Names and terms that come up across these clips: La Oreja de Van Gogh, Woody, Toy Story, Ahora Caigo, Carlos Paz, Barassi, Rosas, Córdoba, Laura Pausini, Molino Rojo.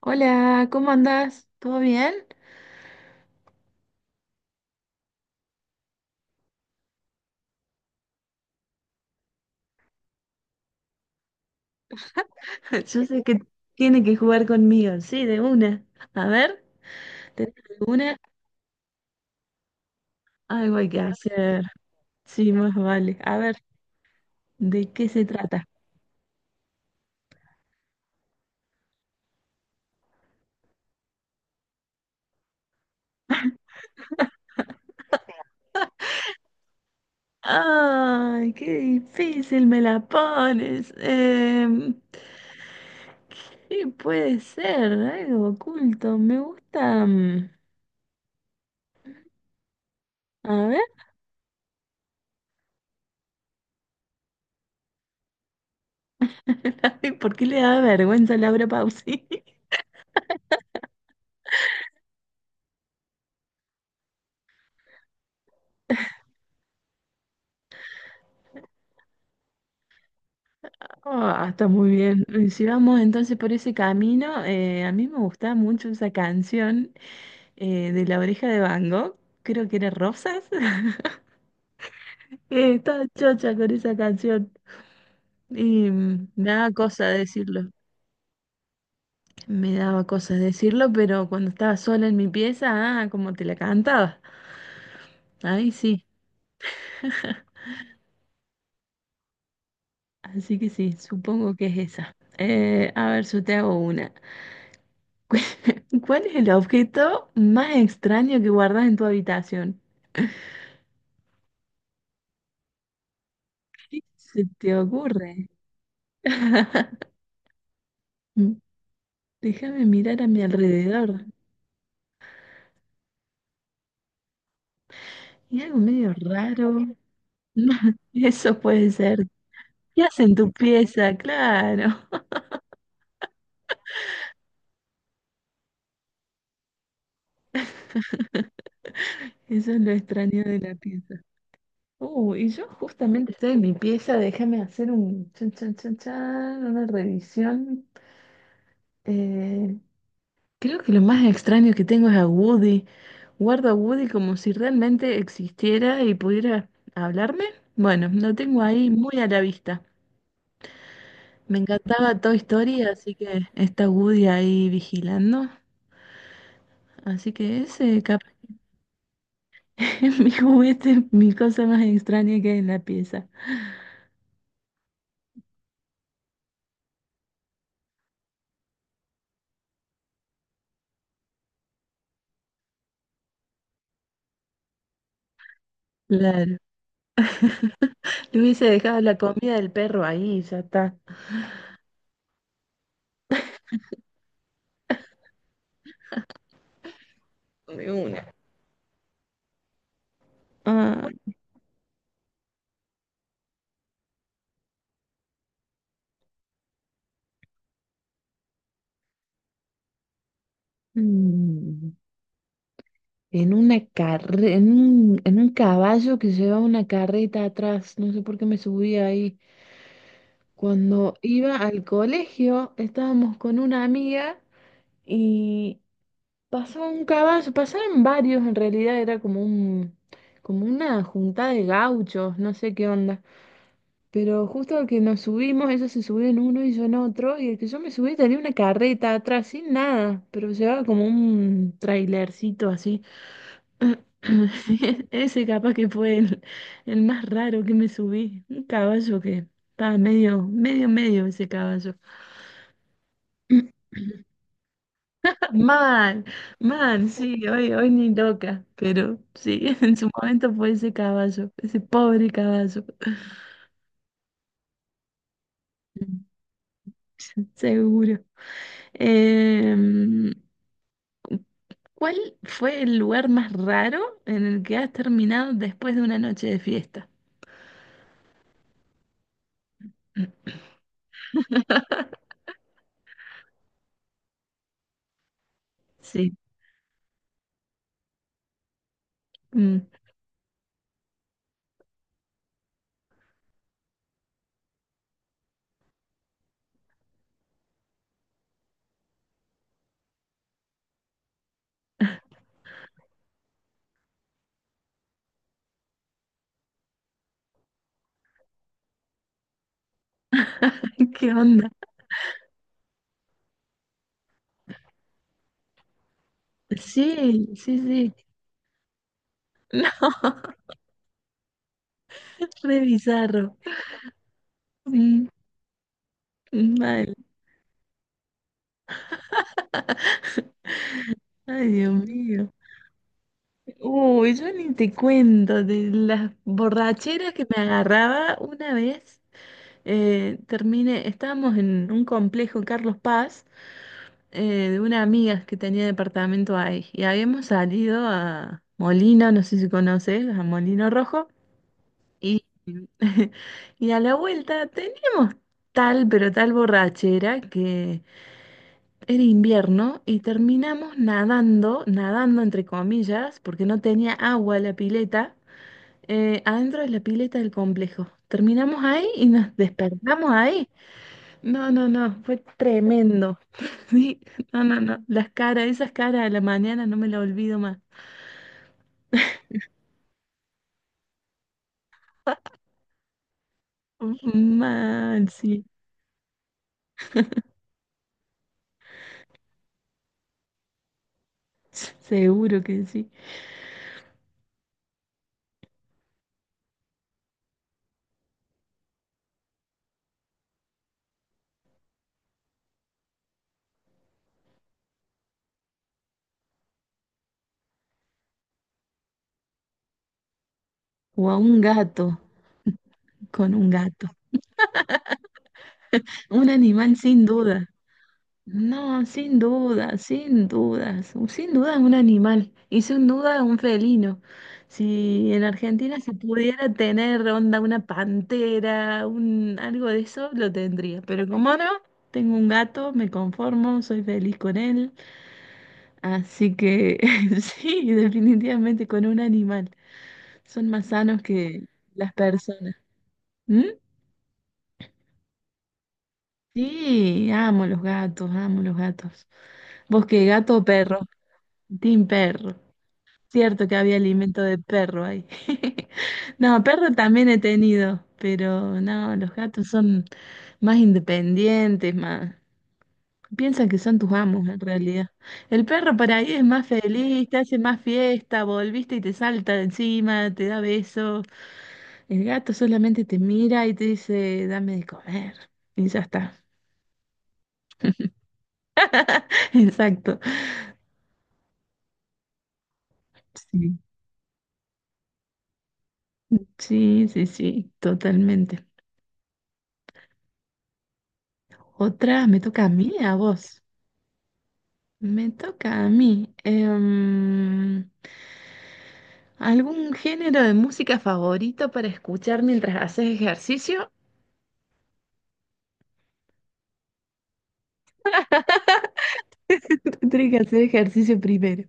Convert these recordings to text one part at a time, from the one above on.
Hola, ¿cómo andás? ¿Todo bien? Yo sé que tiene que jugar conmigo, sí, de una. A ver, ¿tenés alguna? Algo hay que hacer. Sí, más vale. A ver, ¿de qué se trata? ¡Ay, qué difícil me la pones! ¿Qué puede ser? Algo oculto. Me gusta. A ver, ay, ¿por qué le da vergüenza a Laura Pausini? Ah, está muy bien. Y si vamos entonces por ese camino, a mí me gustaba mucho esa canción de La Oreja de Van Gogh, creo que era Rosas. Estaba chocha con esa canción y me daba cosa decirlo. Me daba cosa decirlo, pero cuando estaba sola en mi pieza, ah, como te la cantaba. Ahí sí. Así que sí, supongo que es esa. A ver, yo te hago una. ¿Cuál es el objeto más extraño que guardas en tu habitación? ¿Qué se te ocurre? Déjame mirar a mi alrededor. Y algo medio raro. No, eso puede ser. ¿Qué hace en tu pieza? Claro. Eso es lo extraño de la pieza. Y yo justamente estoy en mi pieza. Déjame hacer un chan, chan, chan, chan, una revisión. Eh, creo que lo más extraño que tengo es a Woody. Guardo a Woody como si realmente existiera y pudiera hablarme. Bueno, lo tengo ahí muy a la vista. Me encantaba Toy Story, así que está Woody ahí vigilando. Así que ese capaz es mi juguete, mi cosa más extraña que hay en la pieza. Claro. Le hubiese dejado la comida del perro ahí, ya está. De una. Ah, mm, en un caballo que llevaba una carreta atrás. No sé por qué me subí ahí. Cuando iba al colegio, estábamos con una amiga y pasaba un caballo, pasaban varios en realidad, era como como una juntada de gauchos, no sé qué onda. Pero justo al que nos subimos, ellos se subió en uno y yo en otro, y el que yo me subí tenía una carreta atrás sin nada, pero llevaba como un trailercito así. Sí, ese capaz que fue el más raro que me subí, un caballo que estaba medio ese caballo. Man, man, sí, hoy ni loca, pero sí, en su momento fue ese caballo, ese pobre caballo. Mm, seguro. Em, ¿Cuál fue el lugar más raro en el que has terminado después de una noche de fiesta? Sí, mm, ¿qué onda? Sí, sí, sí, no, re bizarro. Mm, mal, ay Dios mío. Uy, yo ni te cuento de las borracheras que me agarraba una vez. Estábamos en un complejo Carlos Paz, eh, de una amiga que tenía departamento ahí y habíamos salido a Molino, no sé si conoces, a Molino Rojo y, y a la vuelta teníamos tal pero tal borrachera que era invierno y terminamos nadando, nadando entre comillas porque no tenía agua la pileta, adentro de la pileta del complejo. Terminamos ahí y nos despertamos ahí. No, no, no, fue tremendo. Sí, no, no, no. Las caras, esas caras a la mañana no me las olvido más. Mal, sí. Seguro que sí. O a un gato, con un gato. Un animal sin duda. No, sin duda, sin dudas, sin duda es un animal y sin duda es un felino. Si en Argentina se pudiera tener onda una pantera, un algo de eso, lo tendría. Pero como no, tengo un gato, me conformo, soy feliz con él. Así que sí, definitivamente con un animal. Son más sanos que las personas. ¿Mm? Sí, amo los gatos, amo los gatos. ¿Vos qué, gato o perro? Team perro. Cierto que había alimento de perro ahí. No, perro también he tenido, pero no, los gatos son más independientes, más... Piensan que son tus amos en realidad. El perro por ahí es más feliz, te hace más fiesta, volviste y te salta de encima, te da besos. El gato solamente te mira y te dice, dame de comer. Y ya está. Exacto. Sí, sí, sí, sí, totalmente. Otra, me toca a mí, a vos. Me toca a mí. ¿Algún género de música favorito para escuchar mientras haces ejercicio? Tienes que hacer ejercicio primero.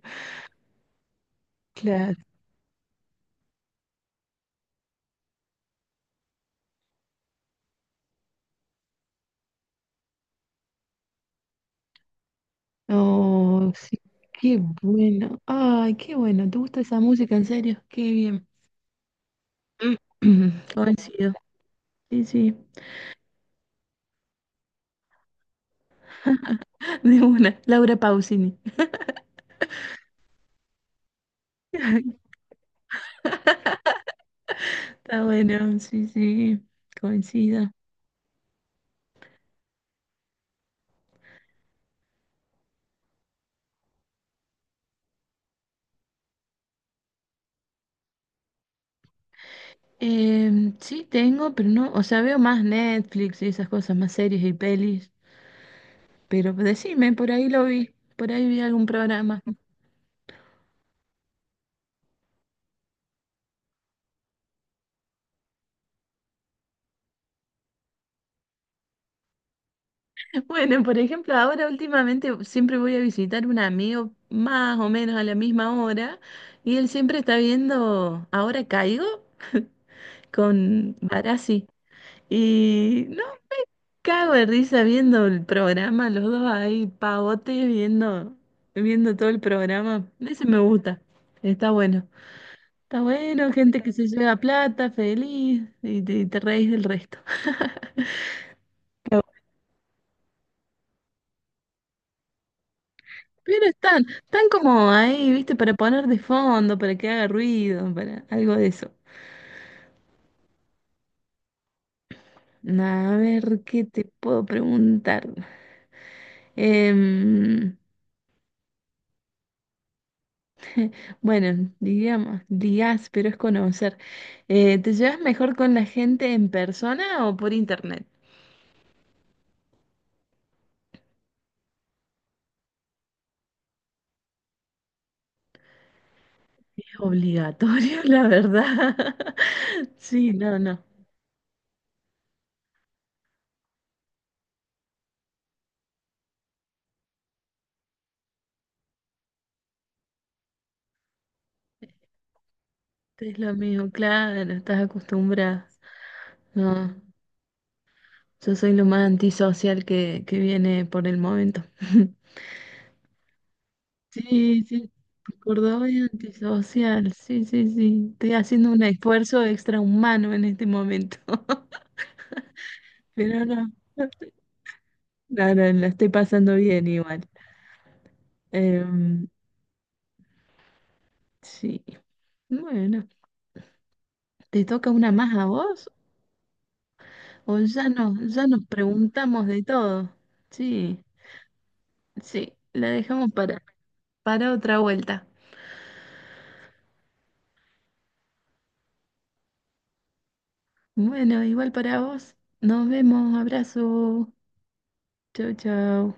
Claro. Oh, sí, qué bueno. Ay, qué bueno. ¿Te gusta esa música? En serio, qué bien. Mm, coincido. Sí, sí. De una. Laura Pausini. Está bueno, sí, sí. Coincido. Sí, tengo, pero no, o sea, veo más Netflix y esas cosas, más series y pelis, pero decime, por ahí lo vi, por ahí vi algún programa. Bueno, por ejemplo, ahora últimamente siempre voy a visitar un amigo más o menos a la misma hora y él siempre está viendo Ahora Caigo con Barassi y no, cago de risa viendo el programa, los dos ahí pavotes viendo todo el programa, ese me gusta, está bueno. Está bueno, gente que se lleva plata, feliz, y te reís del resto. Pero Pero están, están como ahí, ¿viste? Para poner de fondo, para que haga ruido, para algo de eso. A ver, ¿qué te puedo preguntar? Em, bueno, digamos, digas, pero es conocer. ¿Te llevas mejor con la gente en persona o por internet? Es obligatorio, la verdad. Sí, no, no. Es lo mismo, claro, estás acostumbrada. No, yo soy lo más antisocial que viene por el momento. Sí, sí, Córdoba es antisocial, sí, sí, sí. Estoy haciendo un esfuerzo extrahumano en este momento, pero no, no, no, la estoy pasando bien igual. Em, sí, bueno, ¿te toca una más a vos? O ya ya nos preguntamos de todo. Sí, sí, la dejamos para otra vuelta. Bueno, igual para vos. Nos vemos. Abrazo. Chau, chau.